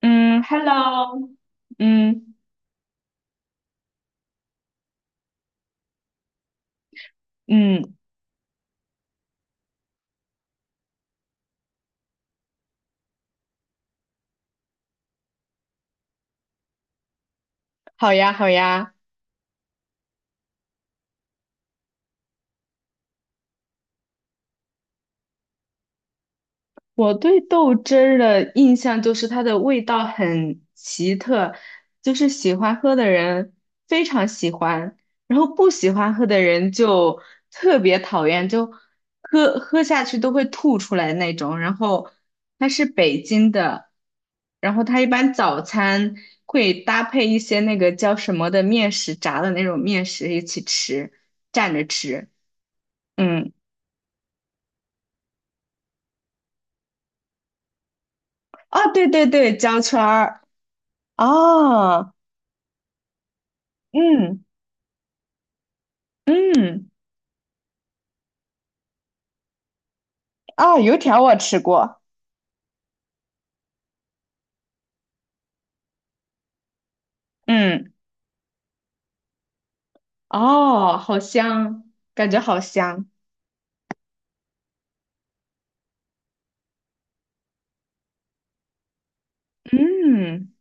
嗯，Hello。嗯嗯。好呀好呀。我对豆汁儿的印象就是它的味道很奇特，就是喜欢喝的人非常喜欢，然后不喜欢喝的人就特别讨厌，就喝下去都会吐出来那种。然后它是北京的，然后它一般早餐会搭配一些那个叫什么的面食，炸的那种面食一起吃，蘸着吃。嗯。啊，对对对，焦圈儿啊。嗯嗯。啊，油条我吃过。嗯。哦，好香，感觉好香。嗯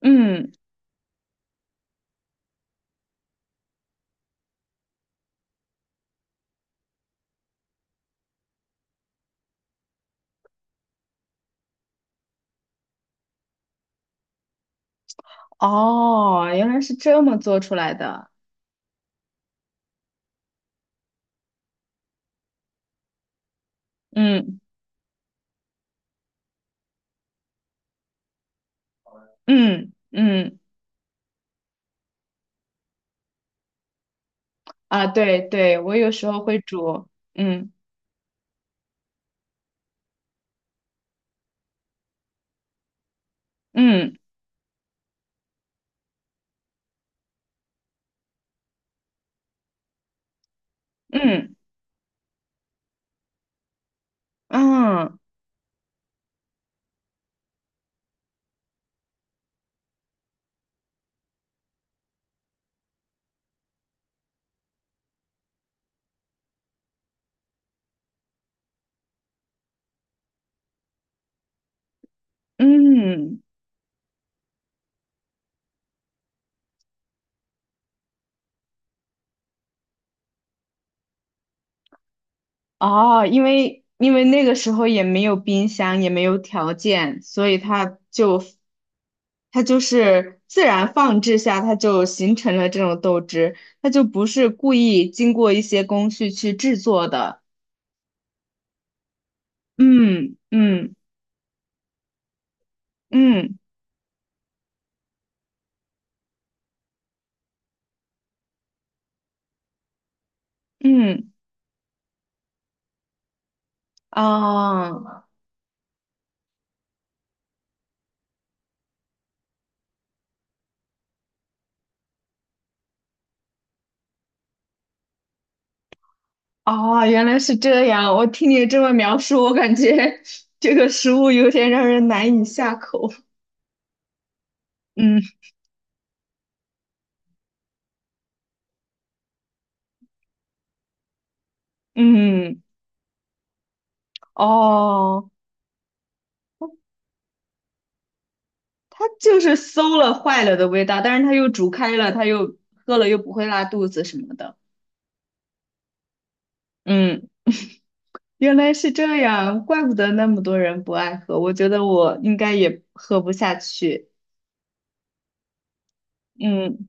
嗯。哦，原来是这么做出来的。嗯嗯嗯。啊，对对，我有时候会煮。嗯嗯嗯嗯嗯。哦，因为那个时候也没有冰箱，也没有条件，所以它就是自然放置下，它就形成了这种豆汁，它就不是故意经过一些工序去制作的。嗯嗯嗯嗯。哦哦，原来是这样。我听你这么描述，我感觉这个食物有点让人难以下口。嗯嗯。哦。它就是馊了坏了的味道，但是它又煮开了，它又喝了又不会拉肚子什么的。嗯，原来是这样，怪不得那么多人不爱喝。我觉得我应该也喝不下去。嗯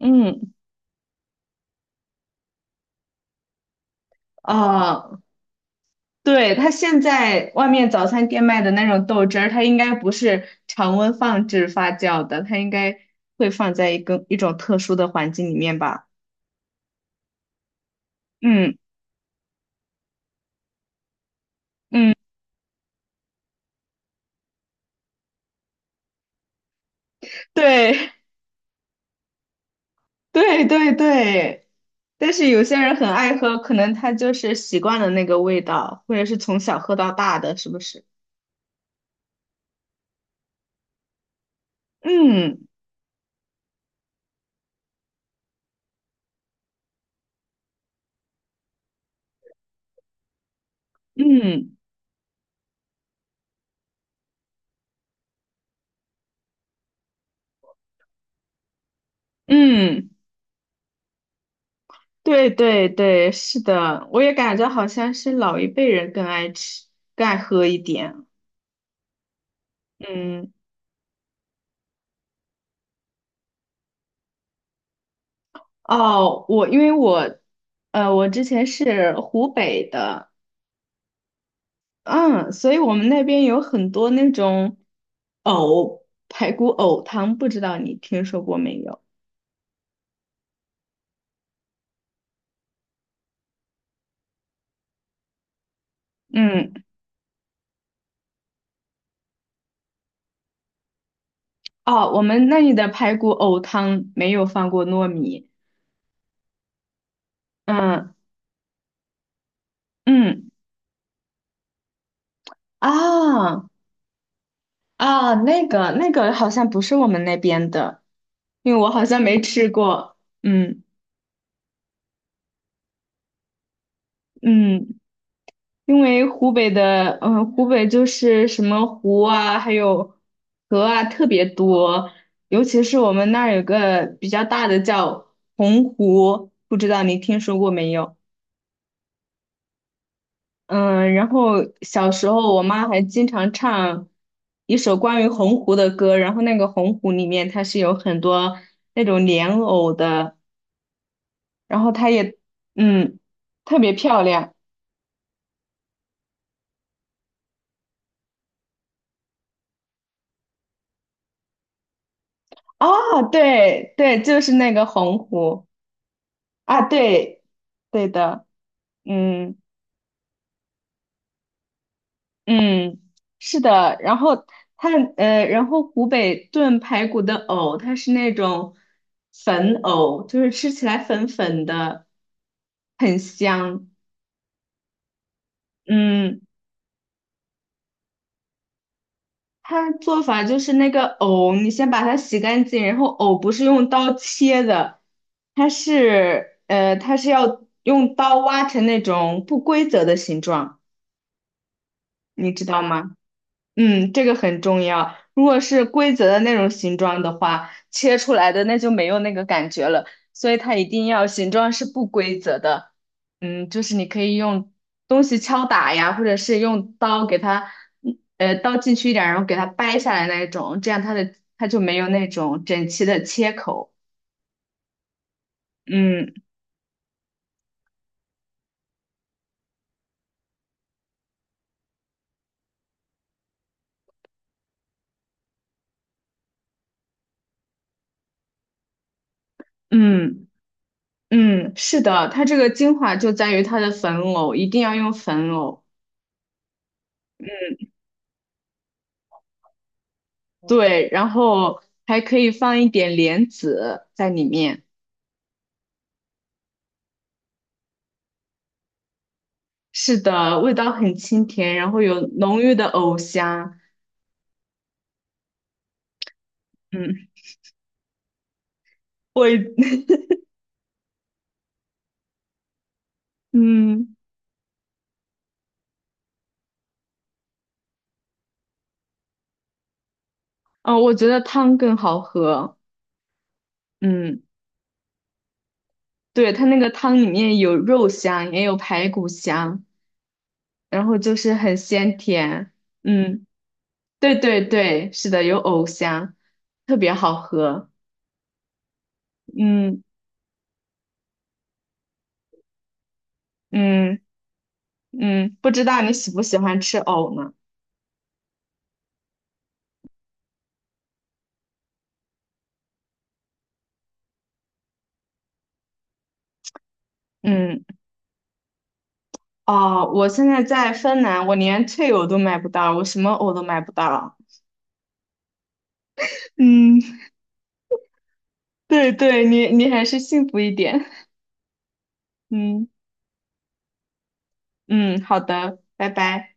嗯。哦，对，它现在外面早餐店卖的那种豆汁儿，它应该不是常温放置发酵的，它应该会放在一种特殊的环境里面吧。嗯嗯。对。对对对，但是有些人很爱喝，可能他就是习惯了那个味道，或者是从小喝到大的，是不是？嗯嗯嗯。对对对，是的，我也感觉好像是老一辈人更爱吃、更爱喝一点。嗯。哦，我因为我，呃，我之前是湖北的。嗯，所以我们那边有很多那种排骨藕汤，不知道你听说过没有？嗯。哦，我们那里的排骨藕汤没有放过糯米。嗯嗯啊啊，那个好像不是我们那边的，因为我好像没吃过。嗯嗯，因为湖北的嗯湖北就是什么湖啊，还有河啊特别多，尤其是我们那儿有个比较大的叫洪湖，不知道你听说过没有？嗯，然后小时候我妈还经常唱一首关于鸿湖的歌，然后那个鸿湖里面它是有很多那种莲藕的，然后它也嗯特别漂亮。啊，对对，就是那个鸿湖。啊，对。对的。嗯。嗯，是的，然后它呃，然后湖北炖排骨的藕，它是那种粉藕，就是吃起来粉粉的，很香。嗯，它做法就是那个藕，你先把它洗干净，然后藕不是用刀切的，它是要用刀挖成那种不规则的形状，你知道吗？嗯，这个很重要。如果是规则的那种形状的话，切出来的那就没有那个感觉了，所以它一定要形状是不规则的。嗯，就是你可以用东西敲打呀，或者是用刀给它，刀进去一点儿然后给它掰下来那种，这样它就没有那种整齐的切口。嗯嗯嗯，是的，它这个精华就在于它的粉藕，一定要用粉藕。对，然后还可以放一点莲子在里面。是的，味道很清甜，然后有浓郁的藕香。嗯，我，嗯，哦，我觉得汤更好喝。嗯，对，它那个汤里面有肉香，也有排骨香，然后就是很鲜甜。嗯，对对对，是的，有藕香，特别好喝。嗯嗯嗯，不知道你喜不喜欢吃藕呢？嗯。哦，我现在在芬兰，我连退藕都买不到，我什么藕都买不到。嗯，对对，你还是幸福一点。嗯嗯，好的，拜拜。